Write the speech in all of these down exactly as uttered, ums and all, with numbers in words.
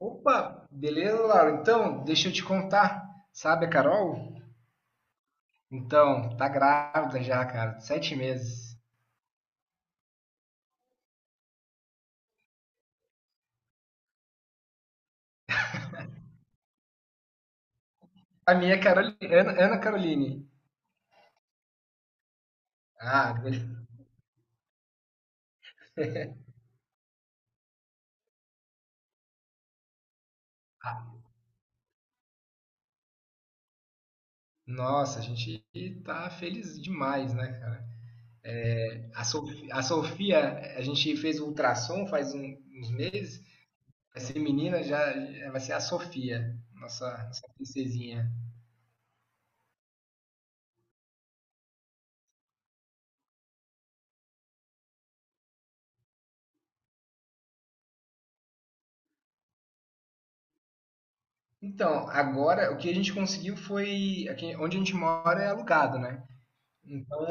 Opa, beleza, Laura? Então, deixa eu te contar. Sabe a Carol? Então, tá grávida já, cara, de sete meses. A minha é Caroli- Ana, Ana Caroline. Ah, be- ah, nossa, a gente tá feliz demais, né, cara? É, a Sofi- a Sofia, a gente fez o ultrassom faz um- uns meses. Vai ser menina, já já vai ser a Sofia, nossa, nossa princesinha. Então, agora o que a gente conseguiu foi. Aqui, onde a gente mora é alugado, né? Então,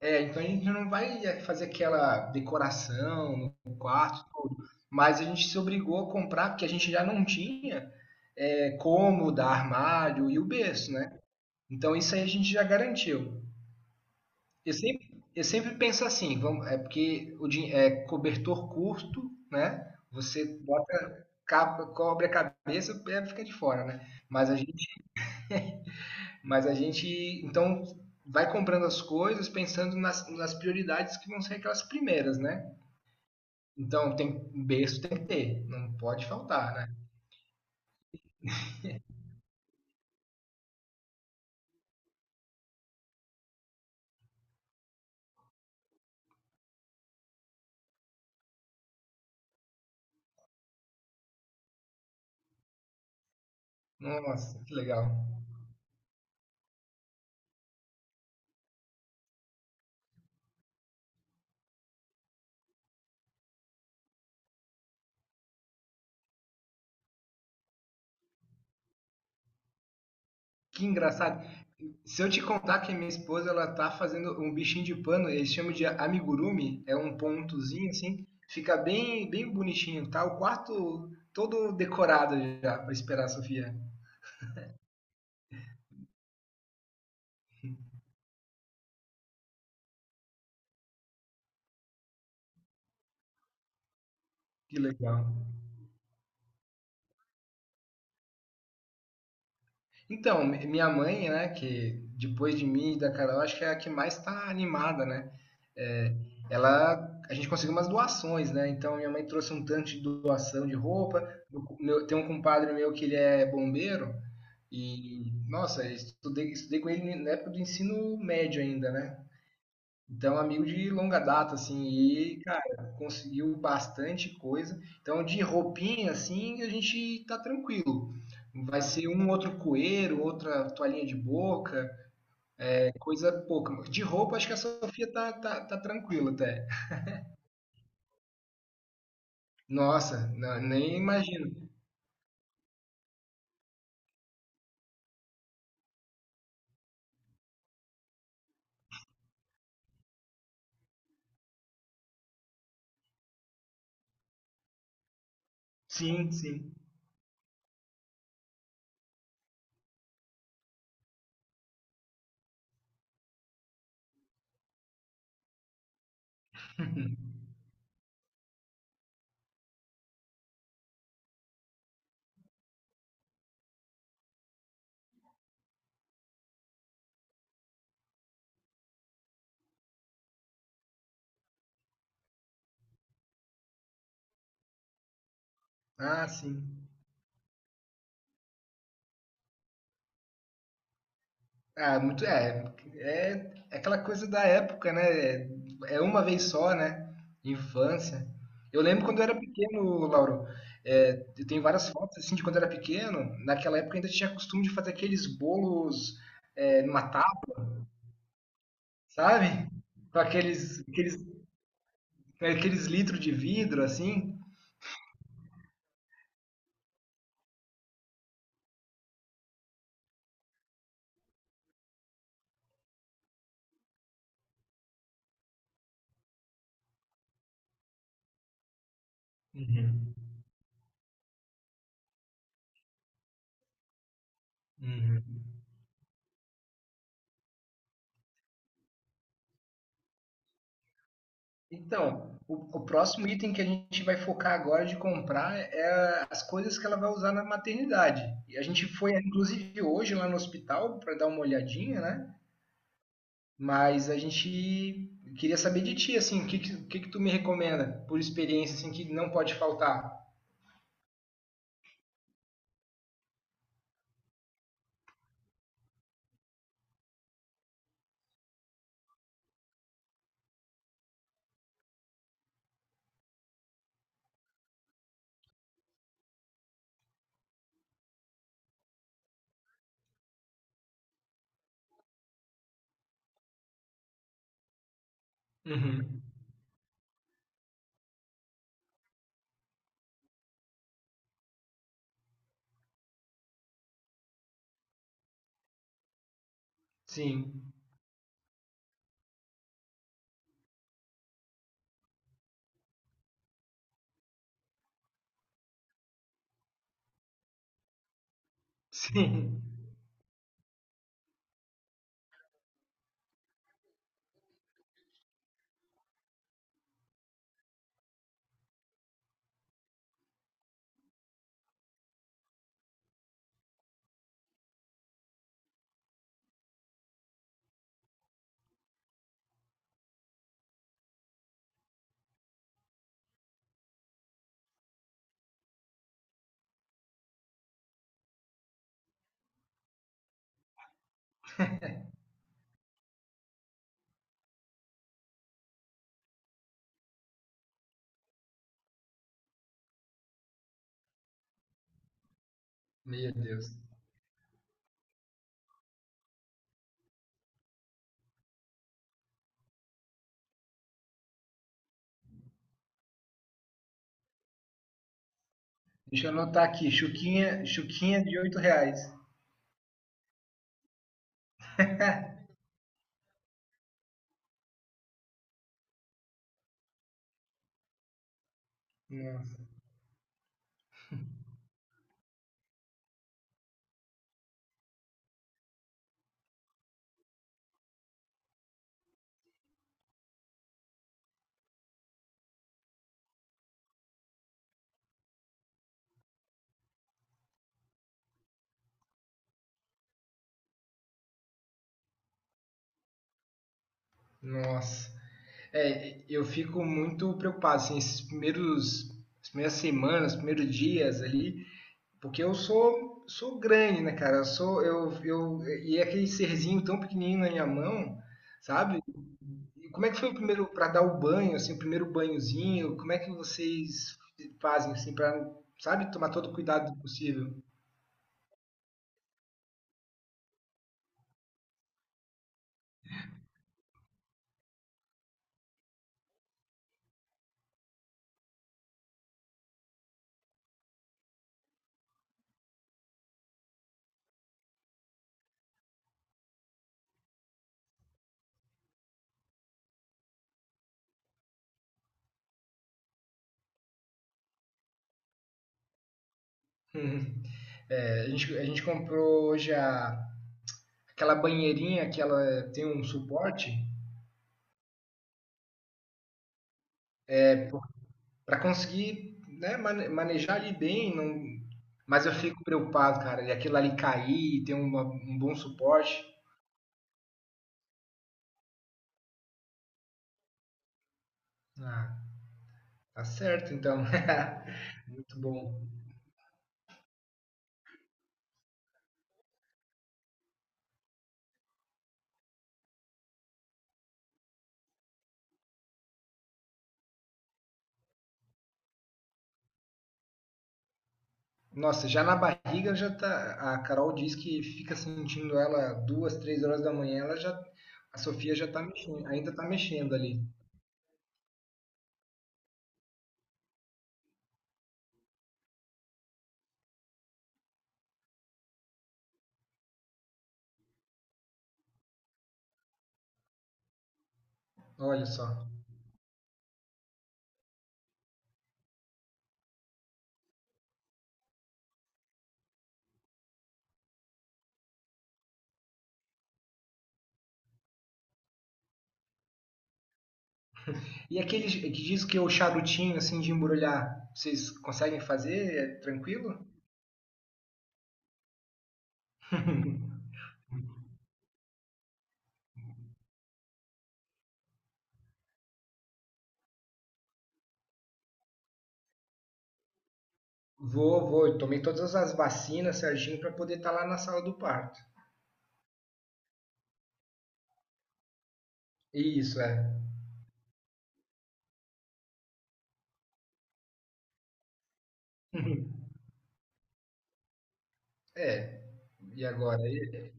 É, então a gente não vai eh, fazer aquela decoração no quarto, tudo. Mas a gente se obrigou a comprar, porque a gente já não tinha eh, cômoda, armário e o berço, né? Então isso aí a gente já garantiu. Eu sempre, eu sempre penso assim, vamos, é porque o din- é cobertor curto, né? Você bota, capa, cobre a cabeça, o fica de fora, né? Mas a gente, mas a gente então vai comprando as coisas pensando nas, nas prioridades que vão ser aquelas primeiras, né? Então tem berço tem que ter, não pode faltar, né? Nossa, que legal. Que engraçado. Se eu te contar que a minha esposa ela tá fazendo um bichinho de pano, eles chamam de amigurumi, é um pontozinho assim, fica bem bem bonitinho, tá? O quarto todo decorado já para esperar a Sofia. Que legal. Então, mi- minha mãe, né, que depois de mim e da Carol, acho que é a que mais tá animada, né? é, Ela a gente conseguiu umas doações, né? Então minha mãe trouxe um tanto de doação de roupa. Meu, tem um compadre meu que ele é bombeiro e nossa, eu estudei, estudei com ele na época do ensino médio ainda, né? Então amigo de longa data assim e cara conseguiu bastante coisa. Então de roupinha assim a gente tá tranquilo. Vai ser um outro coeiro, outra toalhinha de boca, é coisa pouca. De roupa, acho que a Sofia tá, tá, tá tranquila até. Nossa, na- nem imagino. Sim, sim. Ah, sim. Ah, muito é, é, é aquela coisa da época, né? É, é uma vez só, né? Infância. Eu lembro quando eu era pequeno, Lauro. É, eu tenho várias fotos assim de quando eu era pequeno. Naquela época ainda tinha costume de fazer aqueles bolos é, numa tábua, sabe? Com aqueles, aqueles, né, aqueles litros de vidro assim. Uhum. Uhum. Então, o, o próximo item que a gente vai focar agora de comprar é as coisas que ela vai usar na maternidade. E a gente foi, inclusive, hoje lá no hospital para dar uma olhadinha, né? Mas a gente queria saber de ti, assim, o que, que, o que que tu me recomenda por experiência, assim, que não pode faltar? Uhum. Sim, sim. Meu Deus. Deixa eu anotar aqui, chuquinha, chuquinha de oito reais. Nossa, nossa. É, eu fico muito preocupado, assim, esses primeiros, as primeiras semanas, os primeiros dias ali, porque eu sou, sou grande, né, cara? Eu sou, eu, eu, e é aquele serzinho tão pequenininho na minha mão, sabe? E como é que foi o primeiro, para dar o banho, assim, o primeiro banhozinho? Como é que vocês fazem, assim, para, sabe, tomar todo o cuidado possível? Uhum. É, a gente, a gente comprou hoje a, aquela banheirinha que ela tem um suporte é, para conseguir né, mane- manejar ali bem. Não... Mas eu fico preocupado, cara, de aquilo ali cair e ter uma- um bom suporte. Ah, tá certo, então. Muito bom. Nossa, já na barriga já tá. A Carol diz que fica sentindo ela duas, três horas da manhã, ela já. A Sofia já tá mexendo, ainda tá mexendo ali. Olha só. E aquele que diz que é o charutinho assim de embrulhar, vocês conseguem fazer? É tranquilo? Vou, vou. Eu tomei todas as vacinas certinho para poder estar lá na sala do parto. Isso, é. É. E agora? E-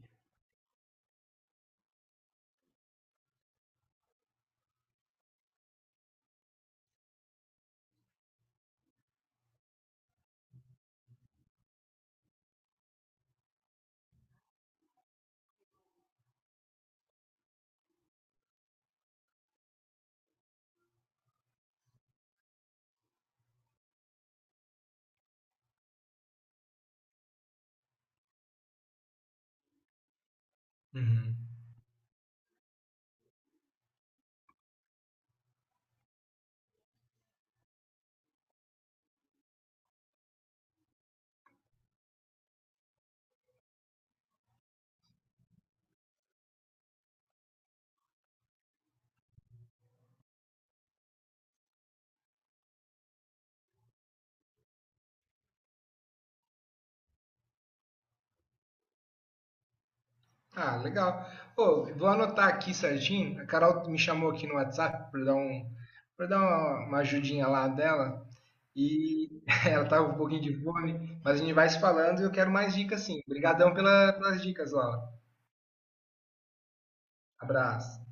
Uhum. Ah, legal. Pô, vou anotar aqui certinho. A Carol me chamou aqui no WhatsApp para dar um, para dar uma, uma ajudinha lá dela. E ela tava com um pouquinho de fome, mas a gente vai se falando e eu quero mais dicas sim. Obrigadão pela- pelas dicas, Laura. Abraço.